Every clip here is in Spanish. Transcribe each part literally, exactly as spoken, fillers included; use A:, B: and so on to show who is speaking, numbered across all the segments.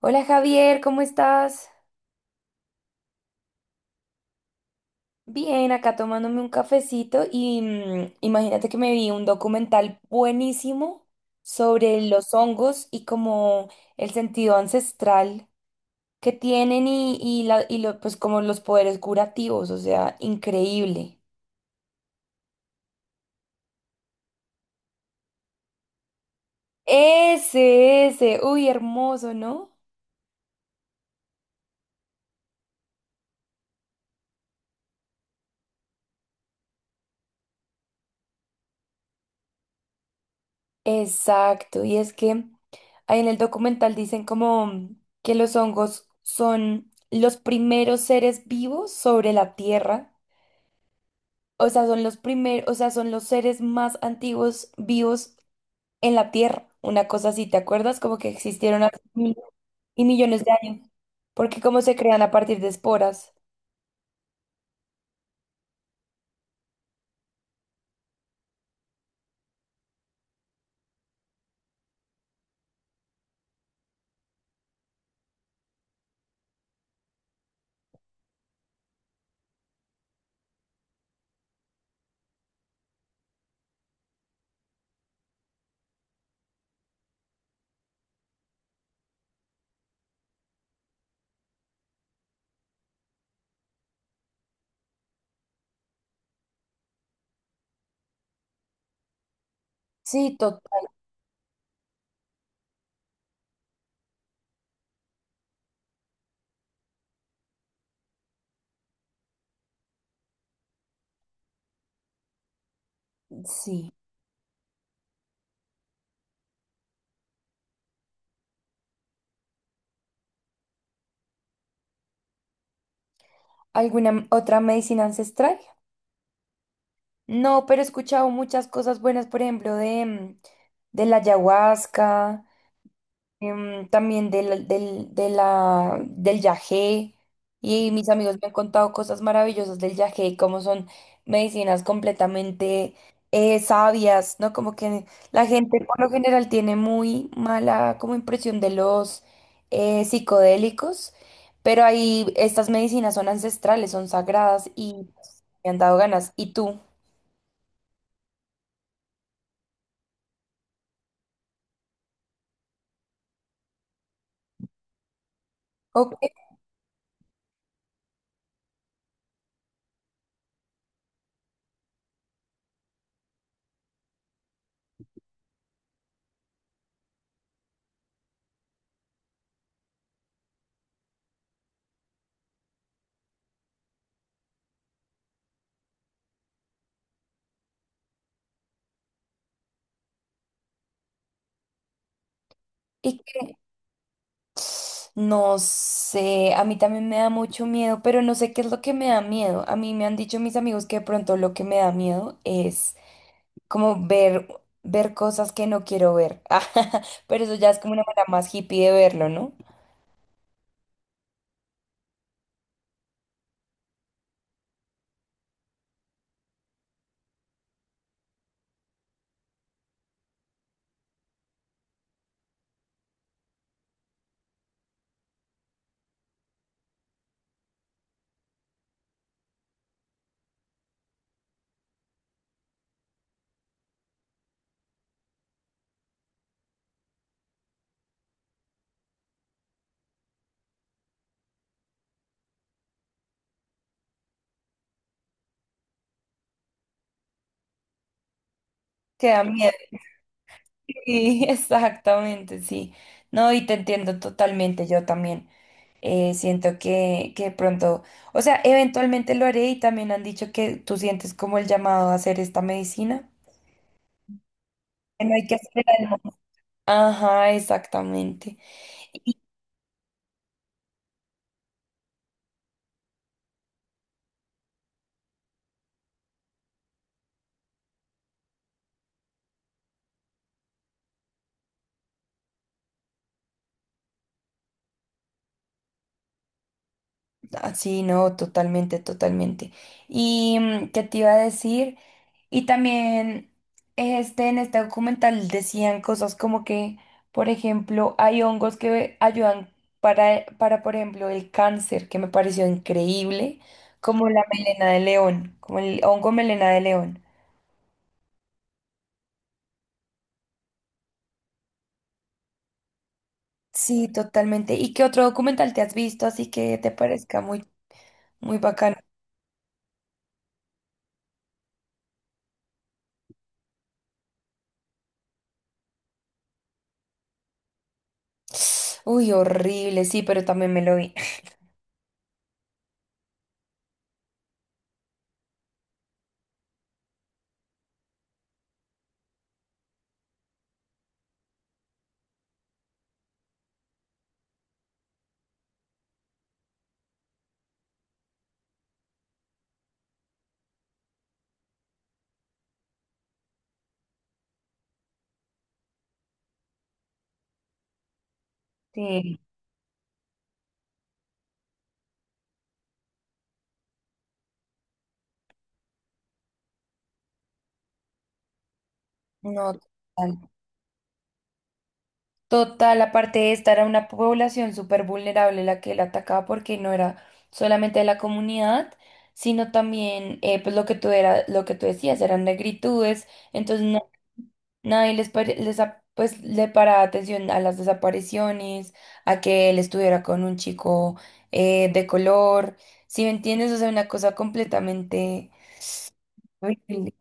A: Hola Javier, ¿cómo estás? Bien, acá tomándome un cafecito y mm, imagínate que me vi un documental buenísimo sobre los hongos y como el sentido ancestral que tienen y, y, la- y lo- pues como los poderes curativos, o sea, increíble. Ese, ese, uy, hermoso, ¿no? Exacto, y es que ahí en el documental dicen como que los hongos son los primeros seres vivos sobre la Tierra, o sea, son los primeros, o sea, son los seres más antiguos vivos en la Tierra, una cosa así, ¿te acuerdas? Como que existieron hace mil y millones de años, porque como se crean a partir de esporas. Sí, total, sí. ¿Alguna otra medicina ancestral? No, pero he escuchado muchas cosas buenas, por ejemplo, de, mm, de la ayahuasca, em, también del, del, de la, del yagé. Y mis amigos me han contado cosas maravillosas del yagé, como son medicinas completamente eh, sabias, ¿no? Como que la gente por lo general tiene muy mala como impresión de los eh, psicodélicos, pero ahí estas medicinas son ancestrales, son sagradas y me han dado ganas. ¿Y tú? Ok. ¿Y No sé, a mí también me da mucho miedo, pero no sé qué es lo que me da miedo. A mí me han dicho mis amigos que de pronto lo que me da miedo es como ver, ver cosas que no quiero ver. Pero eso ya es como una manera más hippie de verlo, ¿no? Que da miedo. Sí, exactamente, sí. No, y te entiendo totalmente, yo también. Eh, siento que, que de pronto, o sea, eventualmente lo haré y también han dicho que tú sientes como el llamado a hacer esta medicina. Que no hay que esperar. Ajá, exactamente. Y, ah, sí, no, totalmente, totalmente. ¿Y mm, qué te iba a decir? Y también este, en este documental decían cosas como que, por ejemplo, hay hongos que ayudan para, eh, para, por ejemplo, el cáncer, que me pareció increíble, como la melena de león, como el hongo melena de león. Sí, totalmente. ¿Y qué otro documental te has visto así que te parezca muy, muy bacano? Uy, horrible, sí, pero también me lo vi. Sí, no, total. Total, aparte de esta, era una población súper vulnerable la que él atacaba porque no era solamente de la comunidad, sino también, eh, pues lo que tú era, lo que tú decías, eran negritudes, entonces no- nadie les, pare- les a- pues, le paraba atención a las desapariciones, a que él estuviera con un chico eh, de color, si me entiendes, o sea, una cosa completamente horrible.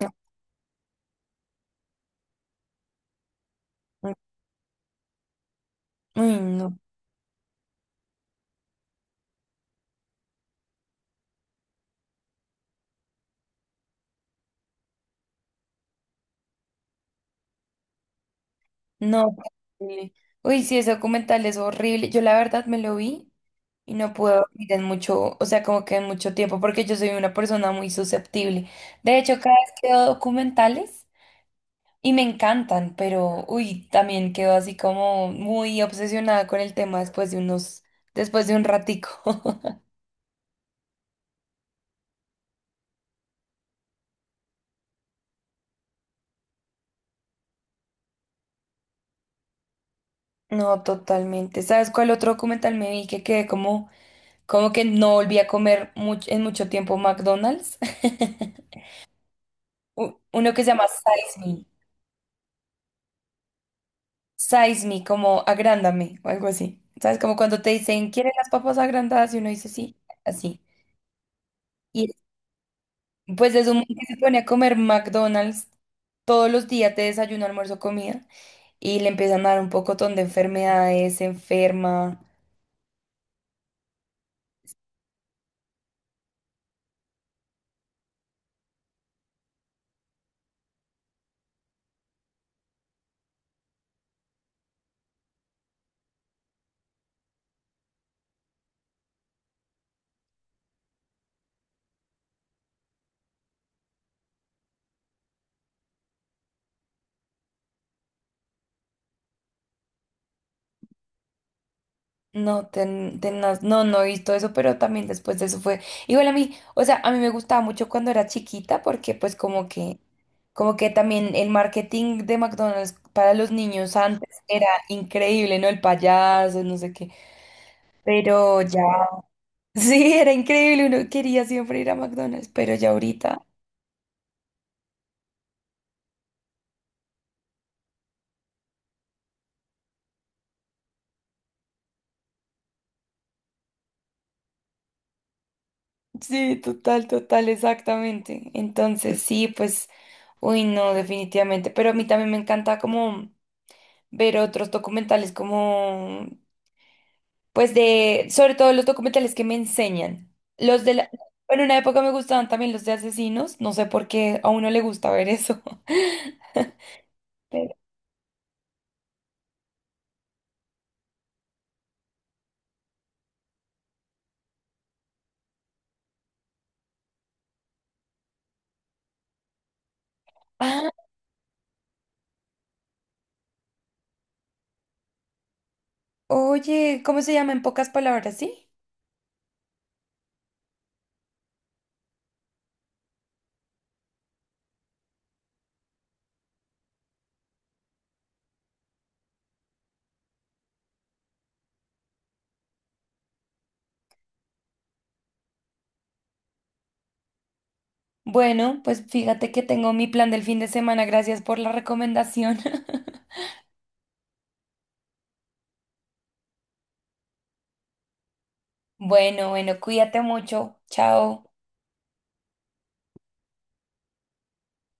A: Uy, no. No. No, horrible. Uy, sí, ese documental es horrible. Yo la verdad me lo vi y no pude dormir en mucho, o sea, como que en mucho tiempo, porque yo soy una persona muy susceptible. De hecho, cada vez que veo documentales y me encantan, pero uy, también quedo así como muy obsesionada con el tema después de unos, después de un ratico. No, totalmente. ¿Sabes cuál otro documental me vi que quedé como, como que no volví a comer much- en mucho tiempo McDonald's? U- Uno que se llama Size Me. Size me, como agrándame o algo así. ¿Sabes? Como cuando te dicen, ¿quieren las papas agrandadas? Y uno dice, sí, así. Y pues es un man que se pone a comer McDonald's todos los días de desayuno, almuerzo, comida. Y le empiezan a dar un pocotón de enfermedades, se enferma. No, ten, tenaz, no, no he visto eso, pero también después de eso fue. Igual a mí, o sea, a mí me gustaba mucho cuando era chiquita, porque pues como que, como que también el marketing de McDonald's para los niños antes era increíble, ¿no? El payaso, no sé qué. Pero ya, sí, era increíble, uno quería siempre ir a McDonald's, pero ya ahorita, sí, total, total, exactamente. Entonces, sí, pues, uy, no, definitivamente. Pero a mí también me encanta como ver otros documentales como pues de, sobre todo los documentales que me enseñan. Los de la, bueno, en una época me gustaban también los de asesinos, no sé por qué a uno le gusta ver eso. Pero, ah, oye, ¿cómo se llama en pocas palabras, sí? Bueno, pues fíjate que tengo mi plan del fin de semana, gracias por la recomendación. Bueno, bueno, cuídate mucho, chao.